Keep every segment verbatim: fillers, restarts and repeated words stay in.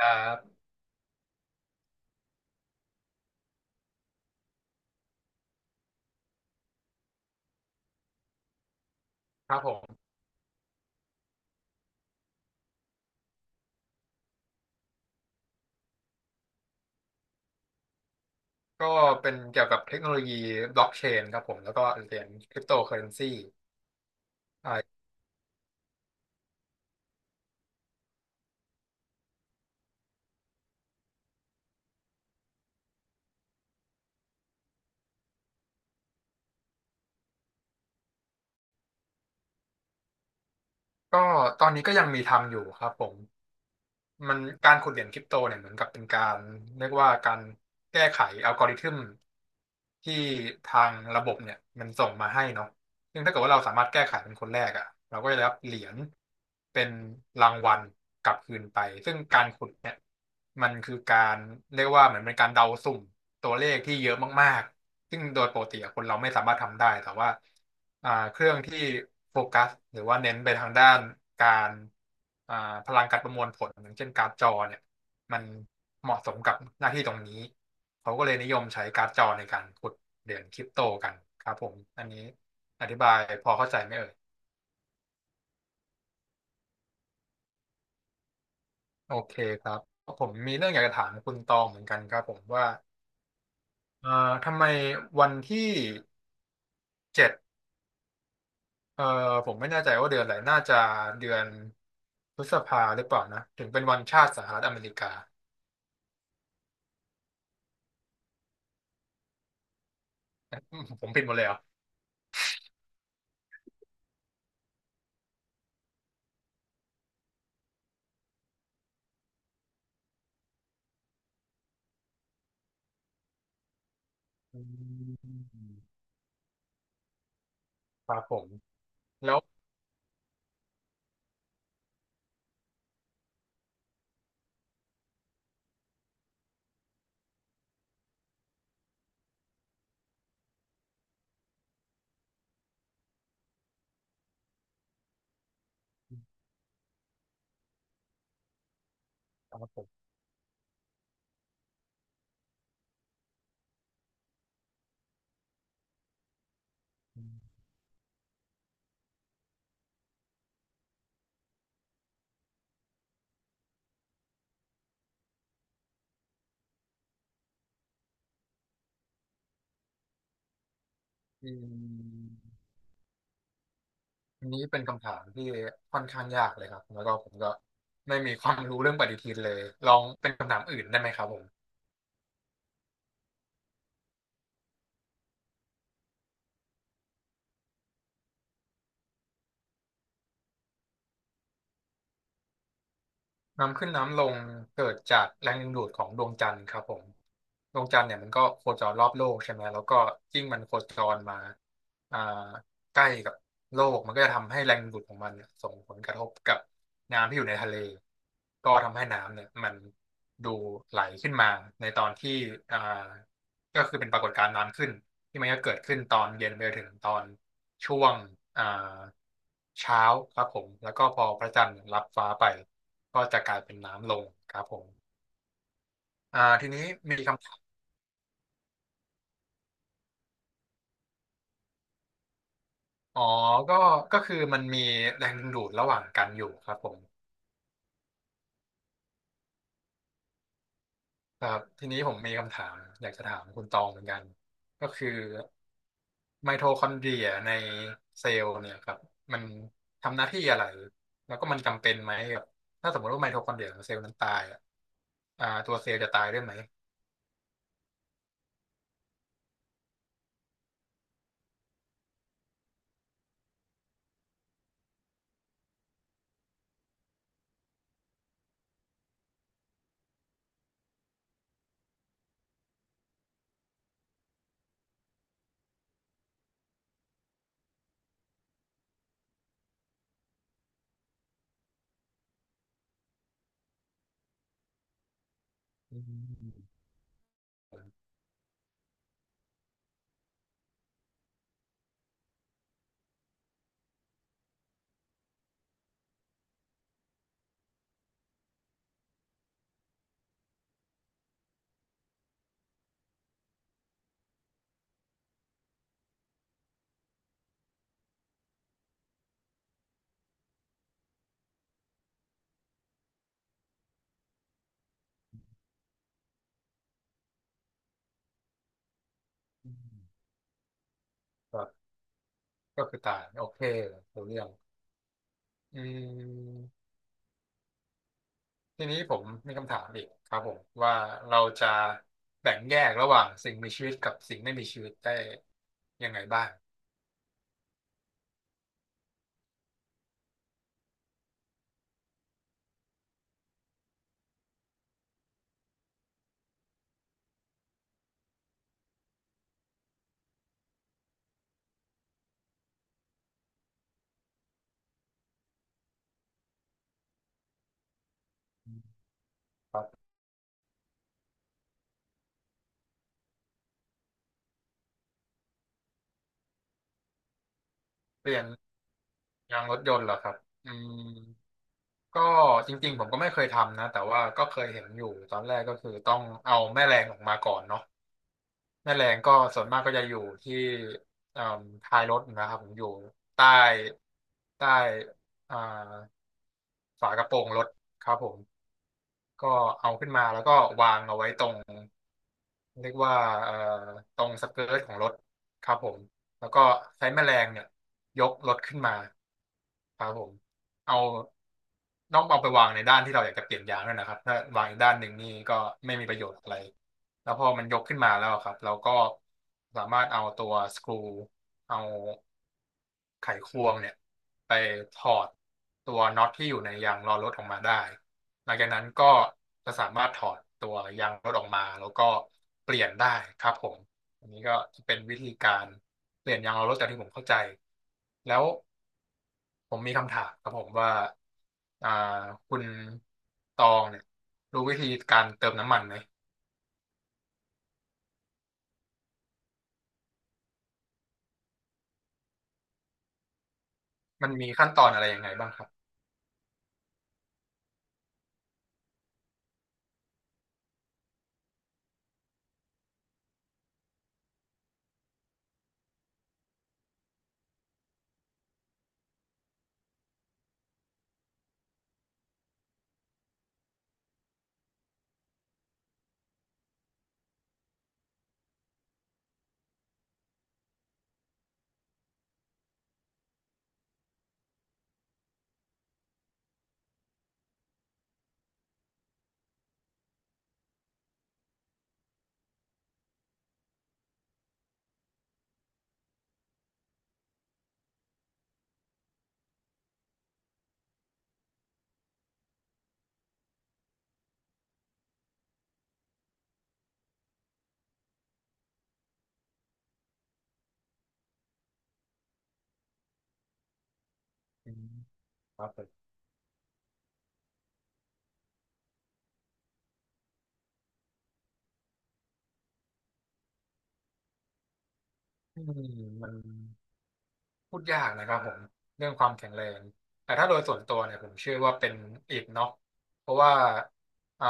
อ่าครับผมก็เป็นเกี่ยวกับเทคโนโลยีบล็อกเชนครับผม แล้วก็เหรียญคริปโตเคอเรนซีอ่าก็ตอนนี้ก็ยังมีทำอยู่ครับผม มันการขุดเหรียญคริปโตเนี่ยเหมือนกับเป็นการเรียกว่าการแก้ไขอัลกอริทึมที่ทางระบบเนี่ยมันส่งมาให้เนาะซึ่งถ้าเกิดว่าเราสามารถแก้ไขเป็นคนแรกอ่ะเราก็จะได้รับเหรียญเป็นรางวัลกลับคืนไป ซึ่งการขุดเนี่ยมันคือการเรียกว่าเหมือนเป็นการเดาสุ่มตัวเลขที่เยอะมากๆ ซึ่งโดยปกติอะคนเราไม่สามารถทำได้แต่ว่า อ่าเครื่องที่โฟกัสหรือว่าเน้นไปทางด้านการอ่าพลังการประมวลผลอย่างเช่นการ์ดจอเนี่ยมันเหมาะสมกับหน้าที่ตรงนี้เขาก็เลยนิยมใช้การ์ดจอในการขุดเหรียญคริปโตกันครับผมอันนี้อธิบายพอเข้าใจไหมเอ่ยโอเคครับผมมีเรื่องอยากจะถามคุณตองเหมือนกันครับผมว่าเอ่อทำไมวันที่เจ็ดเอ่อผมไม่แน่ใจว่าเดือนอะไรน่าจะเดือนพฤษภาหรือเปล่านะถึงเป็นวันชาติสหรัฐอเมริกา อืมผมผิดหมดเลยเหรออืมครับผม แล้วครับผมอืมอันนี้เป็นคำถามที่ค่อนข้างยากเลยครับ แล้วก็ผมก็ไม่มีความรู้เรื่องปฏิทินเลย ลองเป็นคำถามอื่นได้ไหมครับผม น้ำขึ้นน้ำลงเกิดจากแรงดึงดูดของดวงจันทร์ครับผมดวงจันทร์เนี่ยมันก็โคจรรอบโลกใช่ไหมแล้วก็ยิ่งมันโคจรมาอ่าใกล้กับโลกมันก็จะทำให้แรงดึงดูดของมันเนี่ยส่งผลกระทบกับน้ำที่อยู่ในทะเลก็ทำให้น้ำเนี่ยมันดูไหลขึ้นมาในตอนที่อ่าก็คือเป็นปรากฏการณ์น้ำขึ้นที่มันก็เกิดขึ้นตอนเย็นไปจนถึงตอน ช่วงอ่าเช้าครับผมแล้วก็พอพระจันทร์รับฟ้าไปก็จะกลายเป็นน้ำลงครับผมอ่าทีนี้มีคำถามอ๋อก็ก็คือมันมีแรงดึงดูดระหว่างกันอยู่ครับผมครับทีนี้ผมมีคำถามอยากจะถามคุณตองเหมือนกันก็คือไมโทคอนเดรียในเซลล์เนี่ยครับมันทำหน้าที่อะไรแล้วก็มันจำเป็นไหมกับถ้าสมมติว่าไมโทคอนเดรียของเซลล์นั้นตายอะอ่าตัวเซลล์จะตายด้วยไหมอืม อืมครับก็คือตายโอเครู้เรื่องอืมทีนี้ผมมีคำถามอีกครับผมว่าเราจะแบ่งแยกระหว่างสิ่งมีชีวิตกับสิ่งไม่มีชีวิตได้ยังไงบ้างอืมเปลี่ยนยางรถยนต์เหรอครับอืมก็จริงๆผมก็ไม่เคยทำนะแต่ว่าก็เคยเห็นอยู่ตอนแรกก็คือต้องเอาแม่แรงออกมาก่อนเนาะแม่แรงก็ส่วนมากก็จะอยู่ที่เอ่มท้ายรถนะครับผมอยู่ใต้ใต้อ่า ฝากระโปรงรถครับผมก็เอาขึ้นมาแล้วก็วางเอาไว้ตรงเรียกว่าเอ่อตรงสเกิร์ตของรถครับผมแล้วก็ใช้แมแรงเนี่ยยกรถขึ้นมาครับผมเอาต้องเอาไปวางในด้านที่เราอยากจะเปลี่ยนยางด้วยนะครับถ้าวางอีกด้านหนึ่งนี่ก็ไม่มีประโยชน์อะไรแล้วพอมันยกขึ้นมาแล้วครับเราก็สามารถเอาตัวสกรูเอาไขควงเนี่ยไปถอดตัวน็อตที่อยู่ในยางล้อรถออกมาได้ หลังจากนั้นก็จะสามารถถอดตัวยางรถออกมาแล้วก็เปลี่ยนได้ครับผมอันนี้ก็จะเป็นวิธีการเปลี่ยนยางรถจากที่ผมเข้าใจแล้วผมมีคำถามครับผมว่าอ่าคุณตองเนี่ยรู้วิธีการเติมน้ำมันไหมมันมีขั้นตอนอะไรยังไงบ้างครับอืมครับผมอืมมัน พูดยากนะครับผมเรื่องความแข็งแรงแต่ถ้าโดยส่วนตัวเนี่ยผมเชื่อว่าเป็นอิฐเนาะเพราะว่าอ่า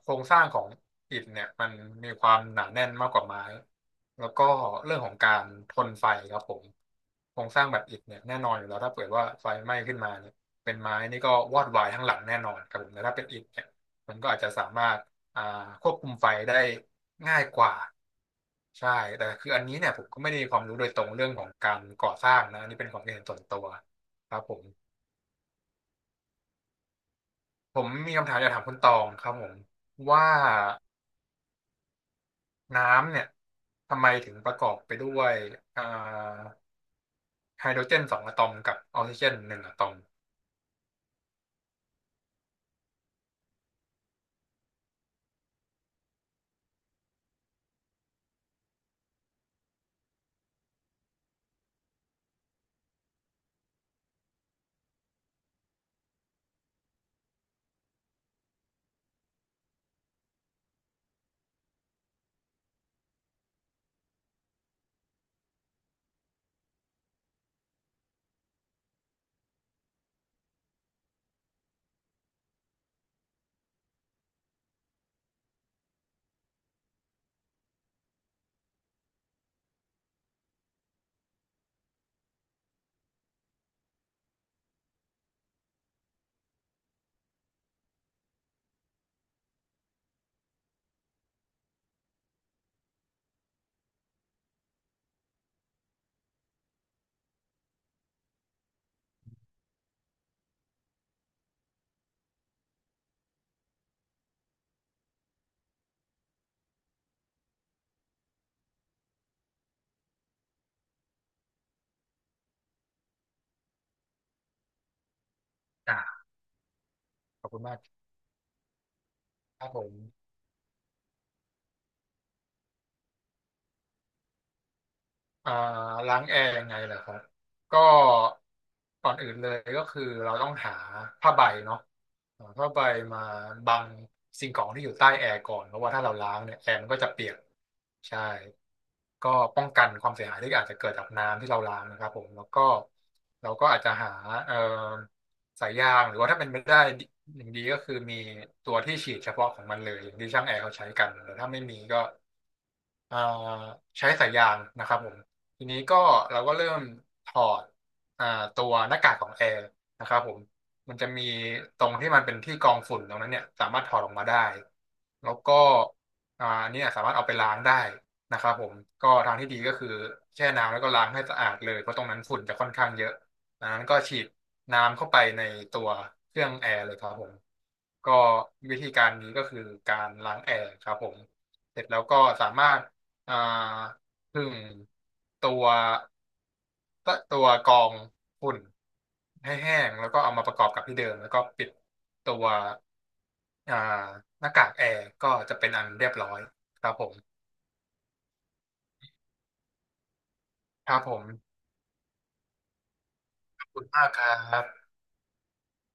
โครงสร้างของอิฐเนี่ยมันมีความหนาแน่นมากกว่าไม้แล้วก็เรื่องของการทนไฟครับผมโครงสร้างแบบอิฐเนี่ยแน่นอนอยู่แล้วถ้าเกิดว่าไฟไหม้ขึ้นมาเนี่ยเป็นไม้นี่ก็วอดวายทั้งหลังแน่นอนครับผมแต่ถ้าเป็นอิฐเนี่ยมันก็อาจจะสามารถ อ่าควบคุมไฟได้ง่ายกว่าใช่แต่คืออันนี้เนี่ยผมก็ไม่ได้มีความรู้โดยตรงเรื่องของการก่อสร้างนะอันนี่เป็นความคิดเห็นส่วนตัวครับผมผมมีคำถามอยากถามคุณตองครับผมว่าน้ำเนี่ยทำไมถึงประกอบไปด้วยอ่าไฮโดรเจนสองอะตอมกับออกซิเจนหนึ่งอะตอมอ่าขอบคุณมากครับผม อ่าล้างแอร์ยังไงเหรอครับก็ก่อนอื่นเลยก็คือเราต้องหาผ้าใบเนาะหาผ้าใบมาบังสิ่งของที่อยู่ใต้แอร์ก่อนเพราะว่าถ้าเราล้างเนี่ยแอร์มันก็จะเปียกใช่ก็ป้องกันความเสียหายที่อาจจะเกิดจากน้ำที่เราล้างนะครับผมแล้วก็เราก็อาจจะหาเอ่อสายยางหรือว่าถ้าเป็นไม่ได้อย่างดีก็คือมีตัวที่ฉีดเฉพาะของมันเลยอย่างที่ช่างแอร์เขาใช้กันแต่ถ้าไม่มีก็ อ่าใช้สายยางนะครับผมทีนี้ก็เราก็เริ่มถอดอ่าตัวหน้ากากของแอร์นะครับผมมันจะมีตรงที่มันเป็นที่กรองฝุ่นตรงนั้นเนี่ยสามารถถอดออกมาได้แล้วก็อ่าอันนี้สามารถเอาไปล้างได้นะครับผมก็ทางที่ดีก็คือแช่น้ำแล้วก็ล้างให้สะอาดเลยเพราะตรงนั้นฝุ่นจะค่อนข้างเยอะดังนั้นก็ฉีดน้ำเข้าไปในตัวเครื่องแอร์เลยครับผมก็วิธีการนี้ก็คือการล้างแอร์ครับผมเสร็จแล้วก็สามารถ อ่าผึ่งตัวตตัวกรองฝุ่นให้แห้งแล้วก็เอามาประกอบกับที่เดิมแล้วก็ปิดตัวอ่าหน้ากากแอร์ก็จะเป็นอันเรียบร้อยครับผมครับผมขอบคุณมากครับ